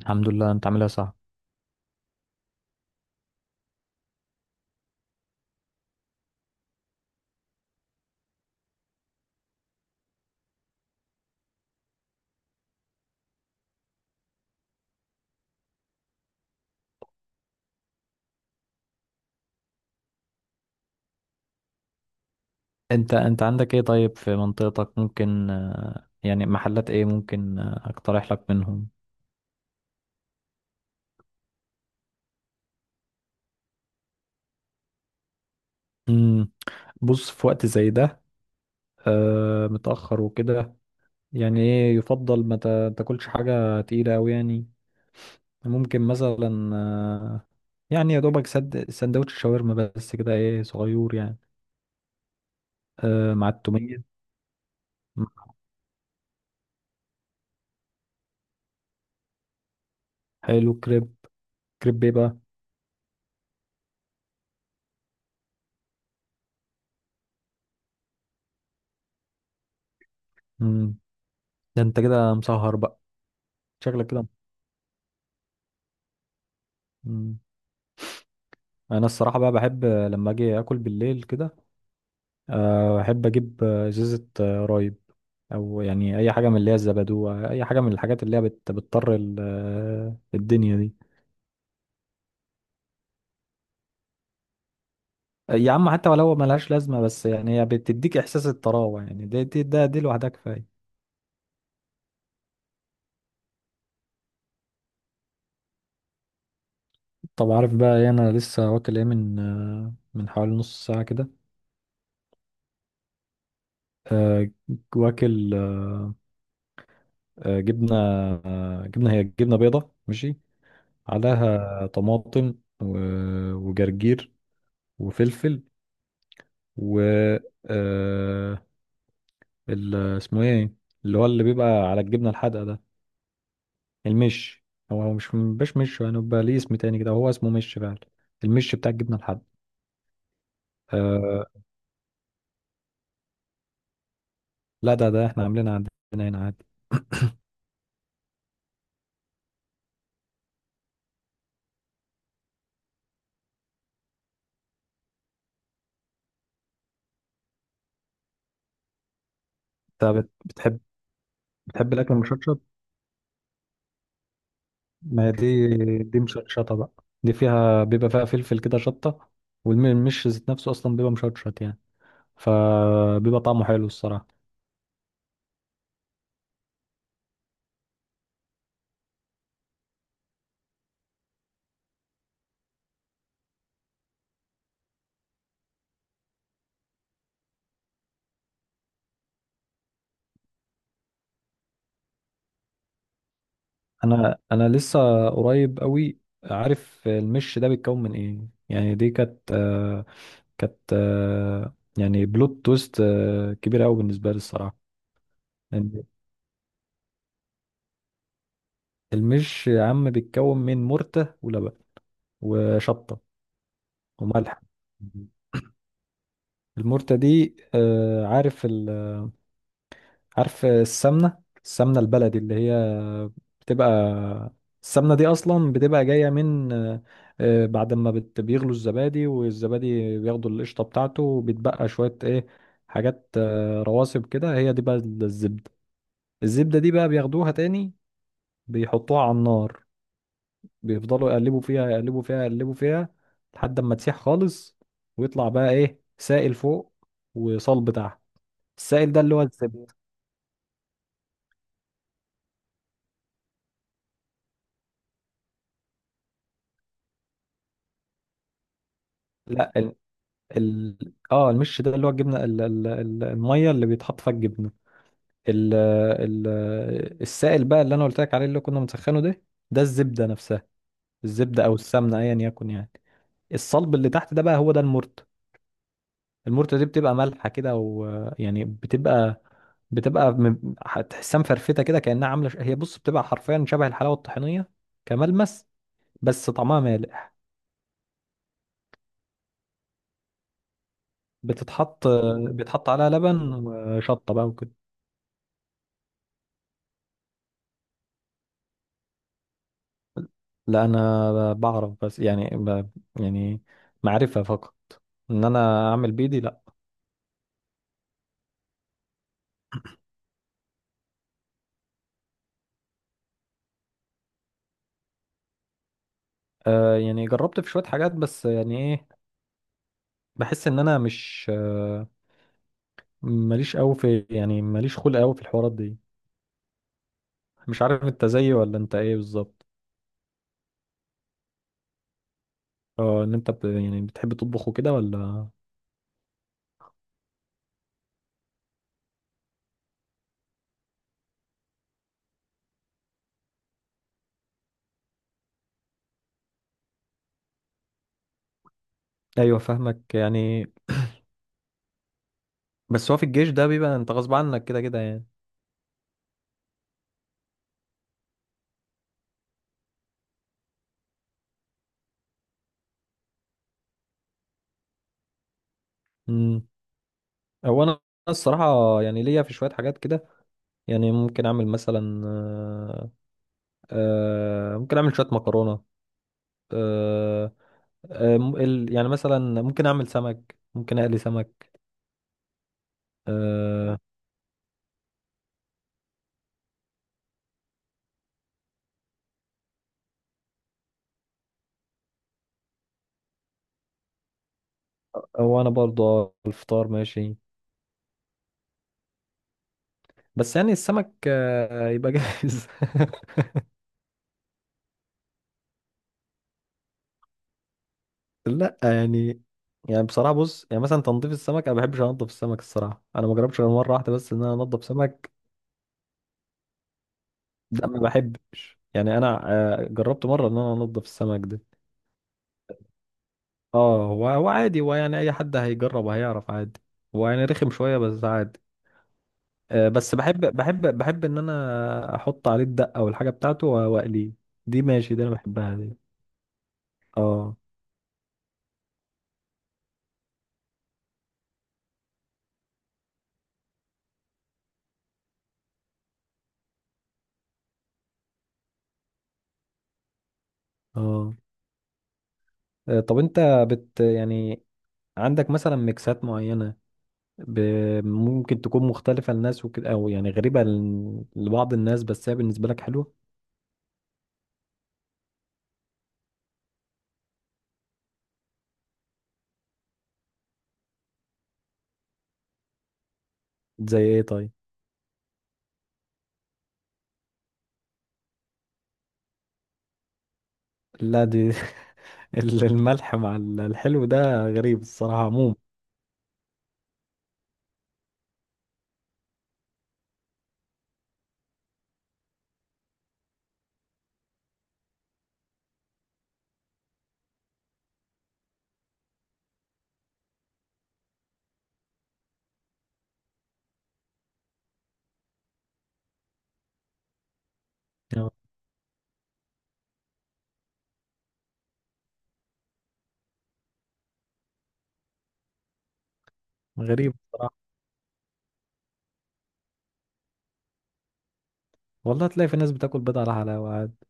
الحمد لله، انت عاملها صح. انت عندك ايه طيب؟ في منطقتك ممكن يعني محلات ايه ممكن، اقترح لك منهم؟ مم. بص في وقت زي ده، متأخر وكده، يعني ايه يفضل ما تاكلش حاجة تقيلة اوي يعني. ممكن مثلا، يعني يا دوبك سد سندوتش شاورما بس كده، ايه، صغير يعني، مع التومية. مم. حلو، كريب. كريب ايه بقى؟ مم. ده انت كده مسهر بقى، شكلك كده. مم. انا الصراحه بقى بحب لما اجي اكل بالليل كده، احب اجيب ازازه رايب، او يعني اي حاجه من اللي هي الزبادو، اي حاجه من الحاجات اللي هي بتطر الدنيا دي. يا عم، حتى ولو ملهاش لازمه، بس يعني هي بتديك احساس الطراوه، يعني دي لوحدها كفايه. طب عارف بقى ايه؟ انا لسه واكل ايه من من حوالي نص ساعه كده. آه، واكل جبنه، جبنه، هي جبنه بيضه ماشي، عليها طماطم، وجرجير، وفلفل، و آه اسمه ايه؟ اللي هو اللي بيبقى على الجبنة الحادقة ده، المش. هو مش يعني، بيبقى ليه اسم تاني كده، هو اسمه مش فعلا، المش بتاع الجبنة الحادقة. آه لا، ده احنا عاملينها عندنا هنا عادي. انت بتحب الأكل المشطشط. ما هي دي مشطشطة بقى، دي بيبقى فيها فلفل كده شطة، والمش ذات نفسه أصلا بيبقى مشطشط يعني، فبيبقى طعمه حلو الصراحة. انا لسه قريب قوي، عارف المش ده بيتكون من ايه يعني. دي كانت يعني بلوت تويست كبيره قوي بالنسبه لي الصراحه. لأن المش يا عم بيتكون من مرتة ولبن وشطه وملح. المرتة دي، عارف؟ عارف السمنة البلدي اللي هي بتبقى، السمنة دي أصلا بتبقى جاية من بعد ما بيغلوا الزبادي، والزبادي بياخدوا القشطة بتاعته وبتبقى شوية إيه، حاجات رواسب كده، هي دي بقى الزبدة. الزبدة دي بقى بياخدوها تاني، بيحطوها على النار، بيفضلوا يقلبوا فيها يقلبوا فيها يقلبوا فيها لحد ما تسيح خالص، ويطلع بقى إيه، سائل فوق وصلب تحت. السائل ده اللي هو الزبدة. لا، ال... اه، المش ده اللي هو الجبنه، الميه اللي بيتحط فيها الجبنه، ال... ال... السائل بقى اللي انا قلت لك عليه، اللي كنا مسخنه ده، ده الزبده نفسها، الزبده او السمنه ايا يكن يعني. الصلب اللي تحت ده بقى، هو ده المرت. المرت دي بتبقى مالحه كده، ويعني بتبقى، بتبقى هتحسها مفرفته كده، كانها عامله هي بص، بتبقى حرفيا شبه الحلاوه الطحينيه كملمس، بس طعمها مالح. بتتحط بيتحط عليها لبن وشطه بقى وكده. لا، انا بعرف، بس يعني يعني معرفة فقط، ان انا اعمل بيدي لا. يعني جربت في شوية حاجات، بس يعني ايه، بحس ان انا مش ماليش قوي في، يعني ماليش خلق قوي في الحوارات دي. مش عارف انت زيي ولا انت ايه بالظبط؟ اه، ان انت يعني بتحب تطبخ وكده ولا؟ ايوه، فاهمك يعني، بس هو في الجيش ده بيبقى انت غصب عنك كده كده يعني. امم هو انا الصراحة يعني ليا في شوية حاجات كده، يعني ممكن اعمل شويه مكرونه، آه، يعني مثلا ممكن اقلي سمك. آه، او انا برضه الفطار ماشي، بس يعني السمك يبقى جاهز لا يعني، يعني بصراحه بص، يعني مثلا تنظيف السمك انا ما بحبش انضف السمك الصراحه، انا ما جربتش غير مره واحده بس ان انا انضف سمك. ده ما بحبش يعني، انا جربت مره ان انا انضف السمك ده. اه، هو عادي، هو يعني اي حد هيجرب هيعرف عادي، هو يعني رخم شويه بس عادي. بس بحب ان انا احط عليه الدقه والحاجه بتاعته واقليه. دي ماشي، دي انا بحبها دي. اه، اه. طب انت بت يعني عندك مثلا ميكسات معينه، ب... ممكن تكون مختلفه للناس وكده، او يعني غريبه لبعض الناس بس هي بالنسبه لك حلوه. زي ايه طيب؟ لا دي الملح مع الحلو ده غريب الصراحه عموما، آه، غريب الصراحه. والله تلاقي في ناس بتاكل بيض على حلاوه عادي.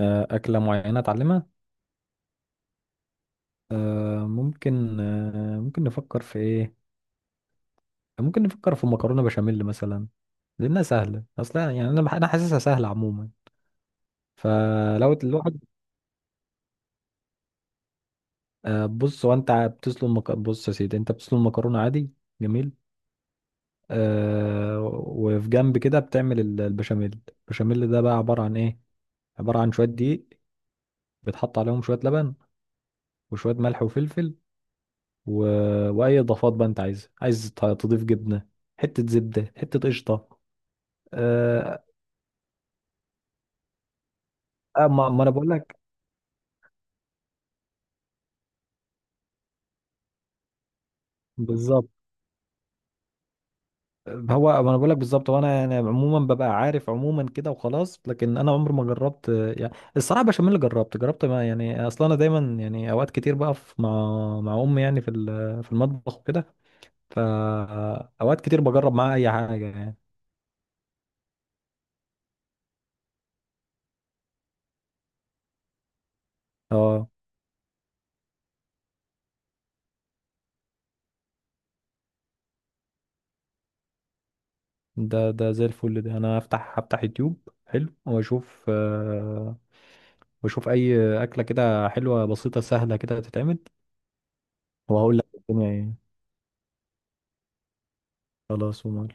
اكله معينه اتعلمها، ممكن نفكر في ايه، ممكن نفكر في مكرونة بشاميل مثلا، لانها سهلة اصلا، يعني انا انا حاسسها سهلة عموما. فلو الواحد، بص يا سيدي، انت بتسلق مكرونة عادي، جميل، آه وفي جنب كده بتعمل البشاميل. البشاميل ده بقى عبارة عن ايه؟ عبارة عن شوية دقيق، بتحط عليهم شوية لبن وشوية ملح وفلفل و... واي اضافات بقى انت عايزها، عايز تضيف جبنة، حتة زبدة، حتة قشطة. آه، ما انا بقول لك بالظبط. هو، ما انا بقول لك بالظبط، وانا يعني عموما ببقى عارف عموما كده وخلاص، لكن انا عمري ما جربت، يعني الصراحه بشاميل جربت ما، يعني اصلا انا دايما يعني اوقات كتير بقف مع امي يعني في المطبخ وكده، فاوقات كتير بجرب معاها اي حاجه يعني. اه، ده زي الفل. ده انا هفتح يوتيوب حلو واشوف، واشوف اي اكله كده حلوه بسيطه سهله كده تتعمل، وهقول لك الدنيا ايه. خلاص ومال.